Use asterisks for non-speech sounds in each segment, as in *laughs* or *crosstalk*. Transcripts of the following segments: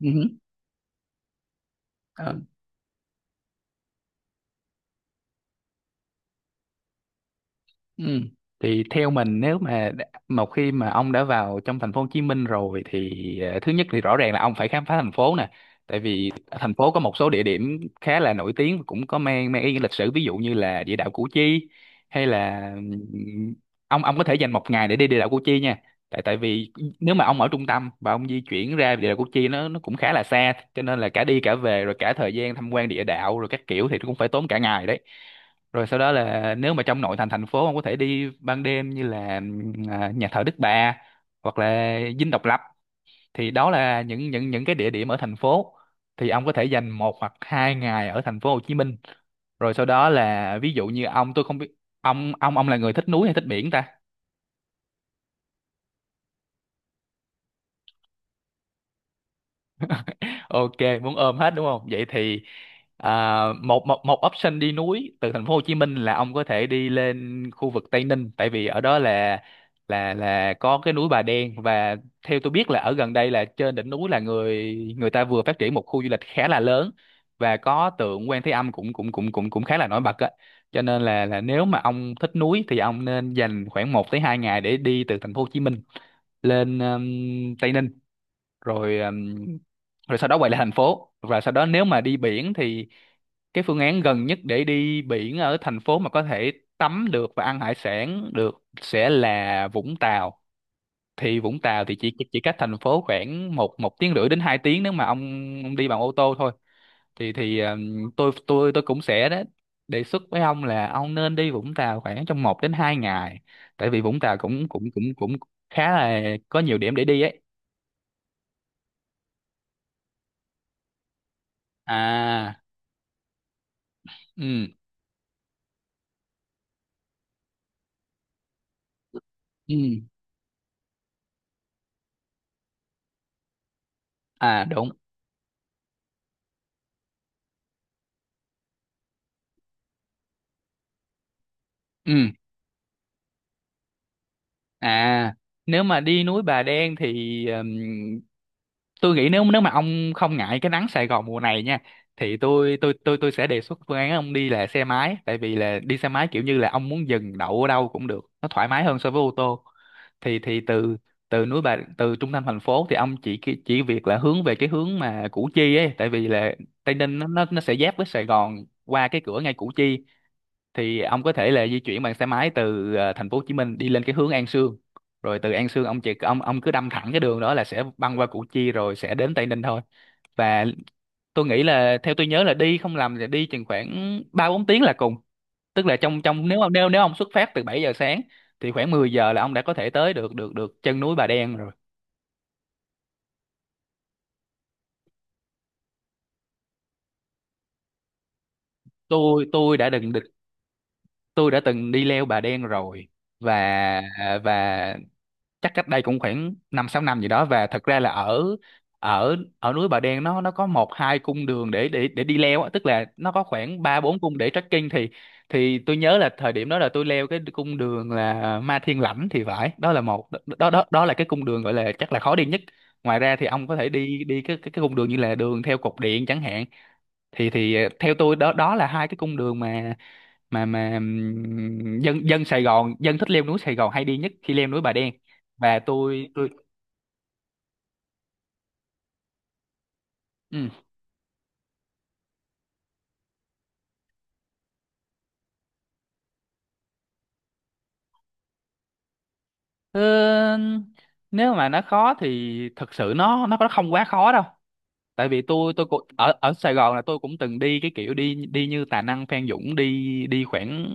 Ừ. Ờ, ừ. Thì theo mình nếu mà một khi mà ông đã vào trong thành phố Hồ Chí Minh rồi thì thứ nhất thì rõ ràng là ông phải khám phá thành phố nè, tại vì thành phố có một số địa điểm khá là nổi tiếng và cũng có mang mang ý nghĩa lịch sử, ví dụ như là địa đạo Củ Chi hay là ông có thể dành một ngày để đi địa đạo Củ Chi nha, tại tại vì nếu mà ông ở trung tâm và ông di chuyển ra địa đạo Củ Chi, nó cũng khá là xa, cho nên là cả đi cả về rồi cả thời gian tham quan địa đạo rồi các kiểu thì cũng phải tốn cả ngày đấy. Rồi sau đó là nếu mà trong nội thành thành phố, ông có thể đi ban đêm như là nhà thờ Đức Bà hoặc là Dinh Độc Lập. Thì đó là những cái địa điểm ở thành phố, thì ông có thể dành một hoặc hai ngày ở thành phố Hồ Chí Minh. Rồi sau đó là ví dụ như ông, tôi không biết ông là người thích núi hay thích biển ta. Ok, muốn ôm hết đúng không? Vậy thì một một một option đi núi từ thành phố Hồ Chí Minh là ông có thể đi lên khu vực Tây Ninh, tại vì ở đó là là có cái núi Bà Đen. Và theo tôi biết là ở gần đây, là trên đỉnh núi là người người ta vừa phát triển một khu du lịch khá là lớn và có tượng Quan Thế Âm cũng cũng cũng cũng cũng khá là nổi bật á. Cho nên là nếu mà ông thích núi thì ông nên dành khoảng một tới 2 ngày để đi từ thành phố Hồ Chí Minh lên Tây Ninh, rồi rồi sau đó quay lại thành phố. Và sau đó nếu mà đi biển thì cái phương án gần nhất để đi biển ở thành phố mà có thể tắm được và ăn hải sản được sẽ là Vũng Tàu. Thì Vũng Tàu thì chỉ cách thành phố khoảng một một tiếng rưỡi đến hai tiếng nếu mà ông đi bằng ô tô thôi. Thì tôi cũng sẽ đó, đề xuất với ông là ông nên đi Vũng Tàu khoảng trong một đến hai ngày, tại vì Vũng Tàu cũng cũng cũng cũng khá là có nhiều điểm để đi ấy. À. Ừ. Ừ. À đúng. Ừ. À, nếu mà đi núi Bà Đen thì tôi nghĩ nếu nếu mà ông không ngại cái nắng Sài Gòn mùa này nha, thì tôi sẽ đề xuất phương án ông đi là xe máy, tại vì là đi xe máy kiểu như là ông muốn dừng đậu ở đâu cũng được, nó thoải mái hơn so với ô tô. Thì từ từ núi Bà từ trung tâm thành phố thì ông chỉ việc là hướng về cái hướng mà Củ Chi ấy, tại vì là Tây Ninh nó sẽ giáp với Sài Gòn qua cái cửa ngay Củ Chi. Thì ông có thể là di chuyển bằng xe máy từ thành phố Hồ Chí Minh đi lên cái hướng An Sương. Rồi từ An Sương ông chỉ ông cứ đâm thẳng cái đường đó là sẽ băng qua Củ Chi rồi sẽ đến Tây Ninh thôi. Và tôi nghĩ là theo tôi nhớ là đi không lầm là đi chừng khoảng ba bốn tiếng là cùng, tức là trong trong nếu ông nếu nếu ông xuất phát từ 7 giờ sáng thì khoảng 10 giờ là ông đã có thể tới được được được chân núi Bà Đen rồi. tôi tôi đã từng được tôi đã từng đi leo Bà Đen rồi, và và chắc cách đây cũng khoảng năm sáu năm gì đó. Và thật ra là ở ở ở núi Bà Đen nó có một hai cung đường để đi leo á, tức là nó có khoảng ba bốn cung để trekking. Thì tôi nhớ là thời điểm đó là tôi leo cái cung đường là Ma Thiên Lãnh thì phải, đó là một, đó đó đó là cái cung đường gọi là chắc là khó đi nhất. Ngoài ra thì ông có thể đi đi cái cung đường như là đường theo cột điện chẳng hạn. Thì theo tôi, đó đó là hai cái cung đường mà dân dân Sài Gòn, dân thích leo núi Sài Gòn hay đi nhất khi leo núi Bà Đen. Và tôi ừ. Ờ, nếu mà nó khó thì thực sự nó không quá khó đâu, tại vì tôi cũng ở ở Sài Gòn, là tôi cũng từng đi cái kiểu đi đi như Tà Năng Phan Dũng, đi đi khoảng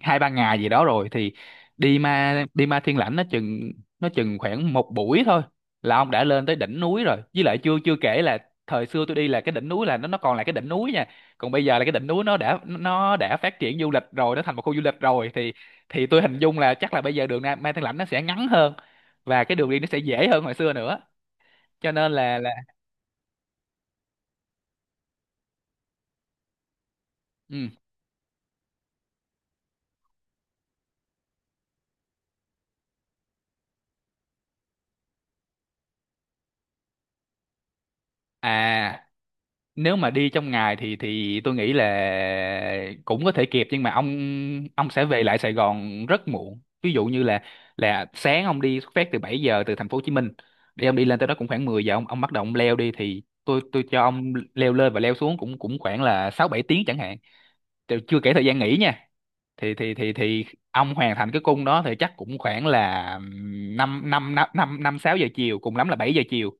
hai ba ngày gì đó rồi. Thì đi Ma Thiên Lãnh nó chừng khoảng một buổi thôi là ông đã lên tới đỉnh núi rồi, với lại chưa chưa kể là thời xưa tôi đi là cái đỉnh núi là nó còn là cái đỉnh núi nha, còn bây giờ là cái đỉnh núi nó đã phát triển du lịch rồi, nó thành một khu du lịch rồi. Thì tôi hình dung là chắc là bây giờ đường Ma Thiên Lãnh nó sẽ ngắn hơn, và cái đường đi nó sẽ dễ hơn hồi xưa nữa, cho nên là ừ. À, nếu mà đi trong ngày thì tôi nghĩ là cũng có thể kịp, nhưng mà ông sẽ về lại Sài Gòn rất muộn. Ví dụ như là sáng ông đi xuất phát từ 7 giờ từ thành phố Hồ Chí Minh, để ông đi lên tới đó cũng khoảng 10 giờ, ông bắt đầu ông leo đi, thì tôi cho ông leo lên và leo xuống cũng cũng khoảng là 6 7 tiếng chẳng hạn. Thì chưa kể thời gian nghỉ nha, thì ông hoàn thành cái cung đó thì chắc cũng khoảng là năm năm năm năm năm sáu giờ chiều, cùng lắm là 7 giờ chiều.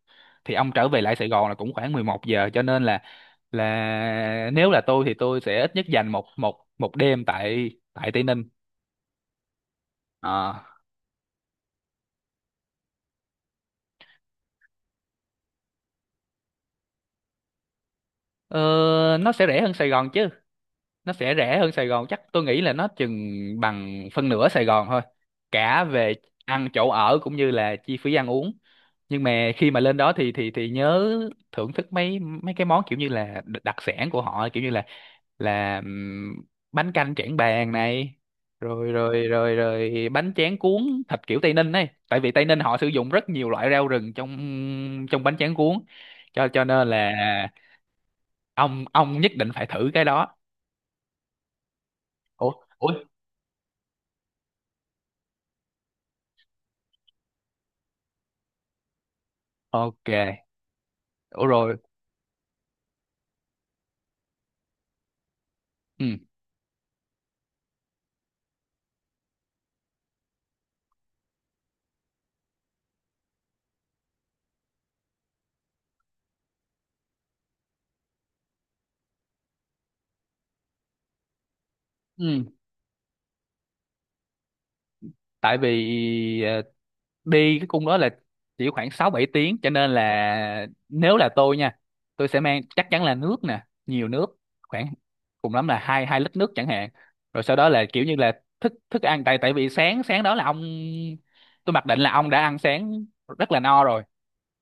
Thì ông trở về lại Sài Gòn là cũng khoảng 11 giờ, cho nên là nếu là tôi thì tôi sẽ ít nhất dành một một một đêm tại tại Tây Ninh. Ờ, ờ, nó sẽ rẻ hơn Sài Gòn chứ, nó sẽ rẻ hơn Sài Gòn, chắc tôi nghĩ là nó chừng bằng phân nửa Sài Gòn thôi, cả về ăn chỗ ở cũng như là chi phí ăn uống. Nhưng mà khi mà lên đó thì nhớ thưởng thức mấy mấy cái món kiểu như là đặc sản của họ, kiểu như là là ừm, bánh canh Trảng Bàng này, rồi rồi rồi rồi bánh tráng cuốn thịt kiểu Tây Ninh ấy, tại vì Tây Ninh họ sử dụng rất nhiều loại rau rừng trong trong bánh tráng cuốn, cho nên là ông nhất định phải thử cái đó. Ủa. Ủa, ok. Ủa rồi. Ừ. Ừ, tại vì đi cái cung đó là chỉ khoảng sáu bảy tiếng, cho nên là nếu là tôi nha, tôi sẽ mang chắc chắn là nước nè, nhiều nước, khoảng cùng lắm là hai 2 lít nước chẳng hạn. Rồi sau đó là kiểu như là thức thức ăn, tại tại vì sáng sáng đó là ông, tôi mặc định là ông đã ăn sáng rất là no rồi.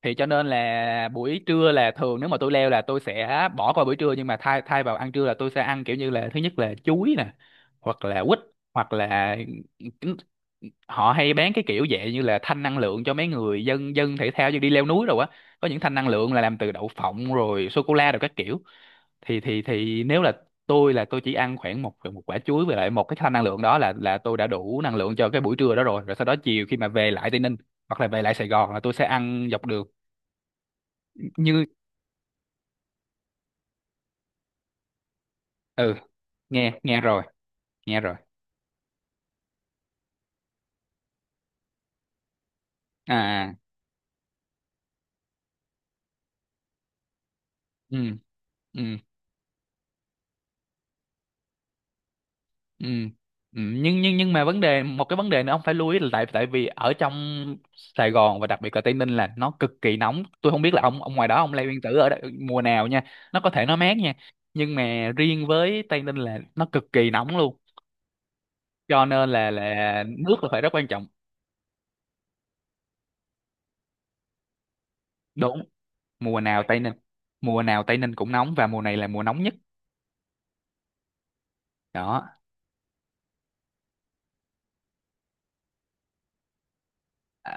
Thì cho nên là buổi trưa là thường nếu mà tôi leo là tôi sẽ bỏ qua buổi trưa, nhưng mà thay thay vào ăn trưa là tôi sẽ ăn kiểu như là, thứ nhất là chuối nè, hoặc là quýt, hoặc là trứng- họ hay bán cái kiểu dạng như là thanh năng lượng cho mấy người dân dân thể thao như đi leo núi rồi á, có những thanh năng lượng là làm từ đậu phộng rồi sô cô la rồi các kiểu. Thì nếu là tôi, là tôi chỉ ăn khoảng một một quả chuối với lại một cái thanh năng lượng đó là tôi đã đủ năng lượng cho cái buổi trưa đó rồi rồi sau đó chiều khi mà về lại Tây Ninh hoặc là về lại Sài Gòn là tôi sẽ ăn dọc đường như. Ừ. Nghe, nghe rồi. Nghe rồi. À. À, ừ ừ. Ừ. Ừ, nhưng mà vấn đề, một cái vấn đề nữa ông phải lưu ý là, tại tại vì ở trong Sài Gòn và đặc biệt là Tây Ninh là nó cực kỳ nóng. Tôi không biết là ông ngoài đó, ông Lê Nguyên Tử ở đây, mùa nào nha, nó có thể nó mát nha, nhưng mà riêng với Tây Ninh là nó cực kỳ nóng luôn, cho nên là nước là phải rất quan trọng. Đúng, mùa nào Tây Ninh, mùa nào Tây Ninh cũng nóng và mùa này là mùa nóng nhất đó. à,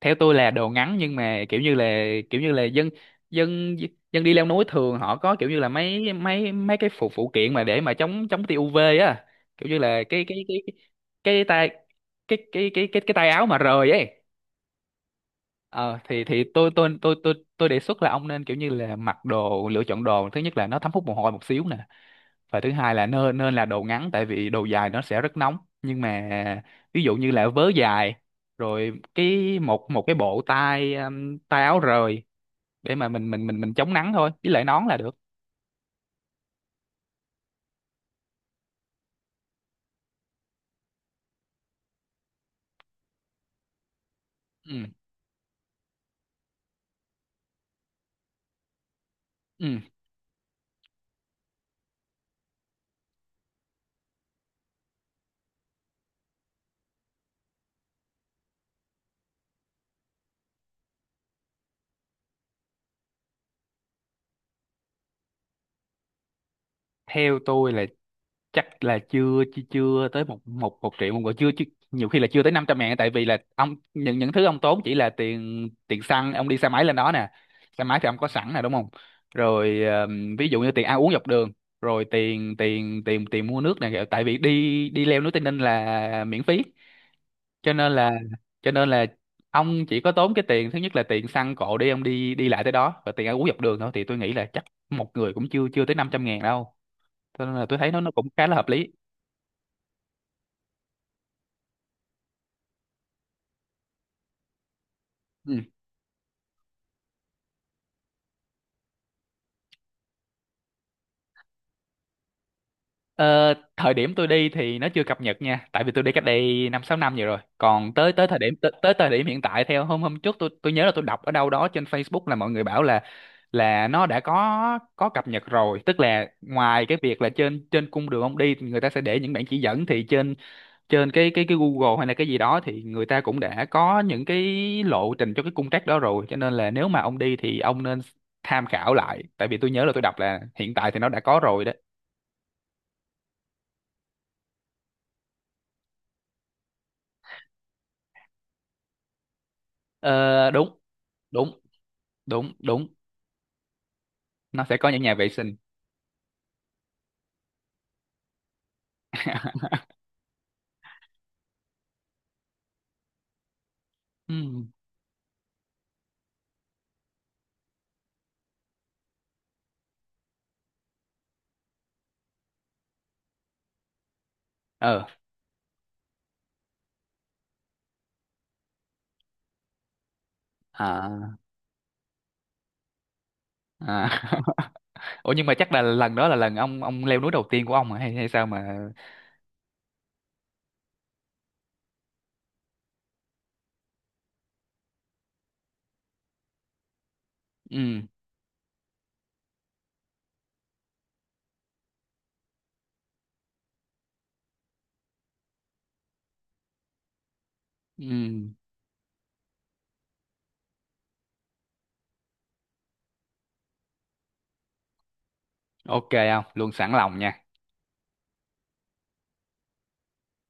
Theo tôi là đồ ngắn, nhưng mà kiểu như là dân dân dân đi leo núi thường họ có kiểu như là mấy mấy mấy cái phụ phụ kiện mà để mà chống chống tia UV á, kiểu như là cái tay, cái tay áo mà rời ấy. Thì tôi đề xuất là ông nên kiểu như là mặc đồ lựa chọn đồ, thứ nhất là nó thấm hút mồ hôi một xíu nè, và thứ hai là nên nên là đồ ngắn, tại vì đồ dài nó sẽ rất nóng. Nhưng mà ví dụ như là vớ dài, rồi cái một một cái bộ tay, tay áo rời để mà mình chống nắng thôi, với lại nón là được. Ừ. Ừ. Theo tôi là chắc là chưa chưa, chưa tới một một một triệu một người, chưa, nhiều khi là chưa tới 500 ngàn. Tại vì là ông, những thứ ông tốn chỉ là tiền tiền xăng ông đi xe máy lên đó nè. Xe máy thì ông có sẵn nè, đúng không? Rồi ví dụ như tiền ăn uống dọc đường, rồi tiền tiền tiền tiền mua nước này. Tại vì đi đi leo núi Tây Ninh là miễn phí, cho nên là cho nên là ông chỉ có tốn cái tiền, thứ nhất là tiền xăng cộ đi, ông đi đi lại tới đó, và tiền ăn uống dọc đường thôi, thì tôi nghĩ là chắc một người cũng chưa chưa tới 500 ngàn đâu, cho nên là tôi thấy nó cũng khá là hợp lý. Ừ. Ờ, thời điểm tôi đi thì nó chưa cập nhật nha, tại vì tôi đi cách đây năm sáu năm vậy rồi. Còn tới thời điểm hiện tại, theo hôm hôm trước tôi nhớ là tôi đọc ở đâu đó trên Facebook là mọi người bảo là nó đã có cập nhật rồi, tức là ngoài cái việc là trên trên cung đường ông đi thì người ta sẽ để những bản chỉ dẫn, thì trên trên cái Google hay là cái gì đó thì người ta cũng đã có những cái lộ trình cho cái cung trek đó rồi, cho nên là nếu mà ông đi thì ông nên tham khảo lại, tại vì tôi nhớ là tôi đọc là hiện tại thì nó đã có rồi đó. Ờ, đúng. Đúng đúng đúng Nó sẽ có những nhà vệ sinh. Ừ. Ờ. à, à. *laughs* Ủa nhưng mà chắc là lần đó là lần ông leo núi đầu tiên của ông hả? Hay hay sao mà? Ừ. Ừ. Ok, không luôn, sẵn lòng nha.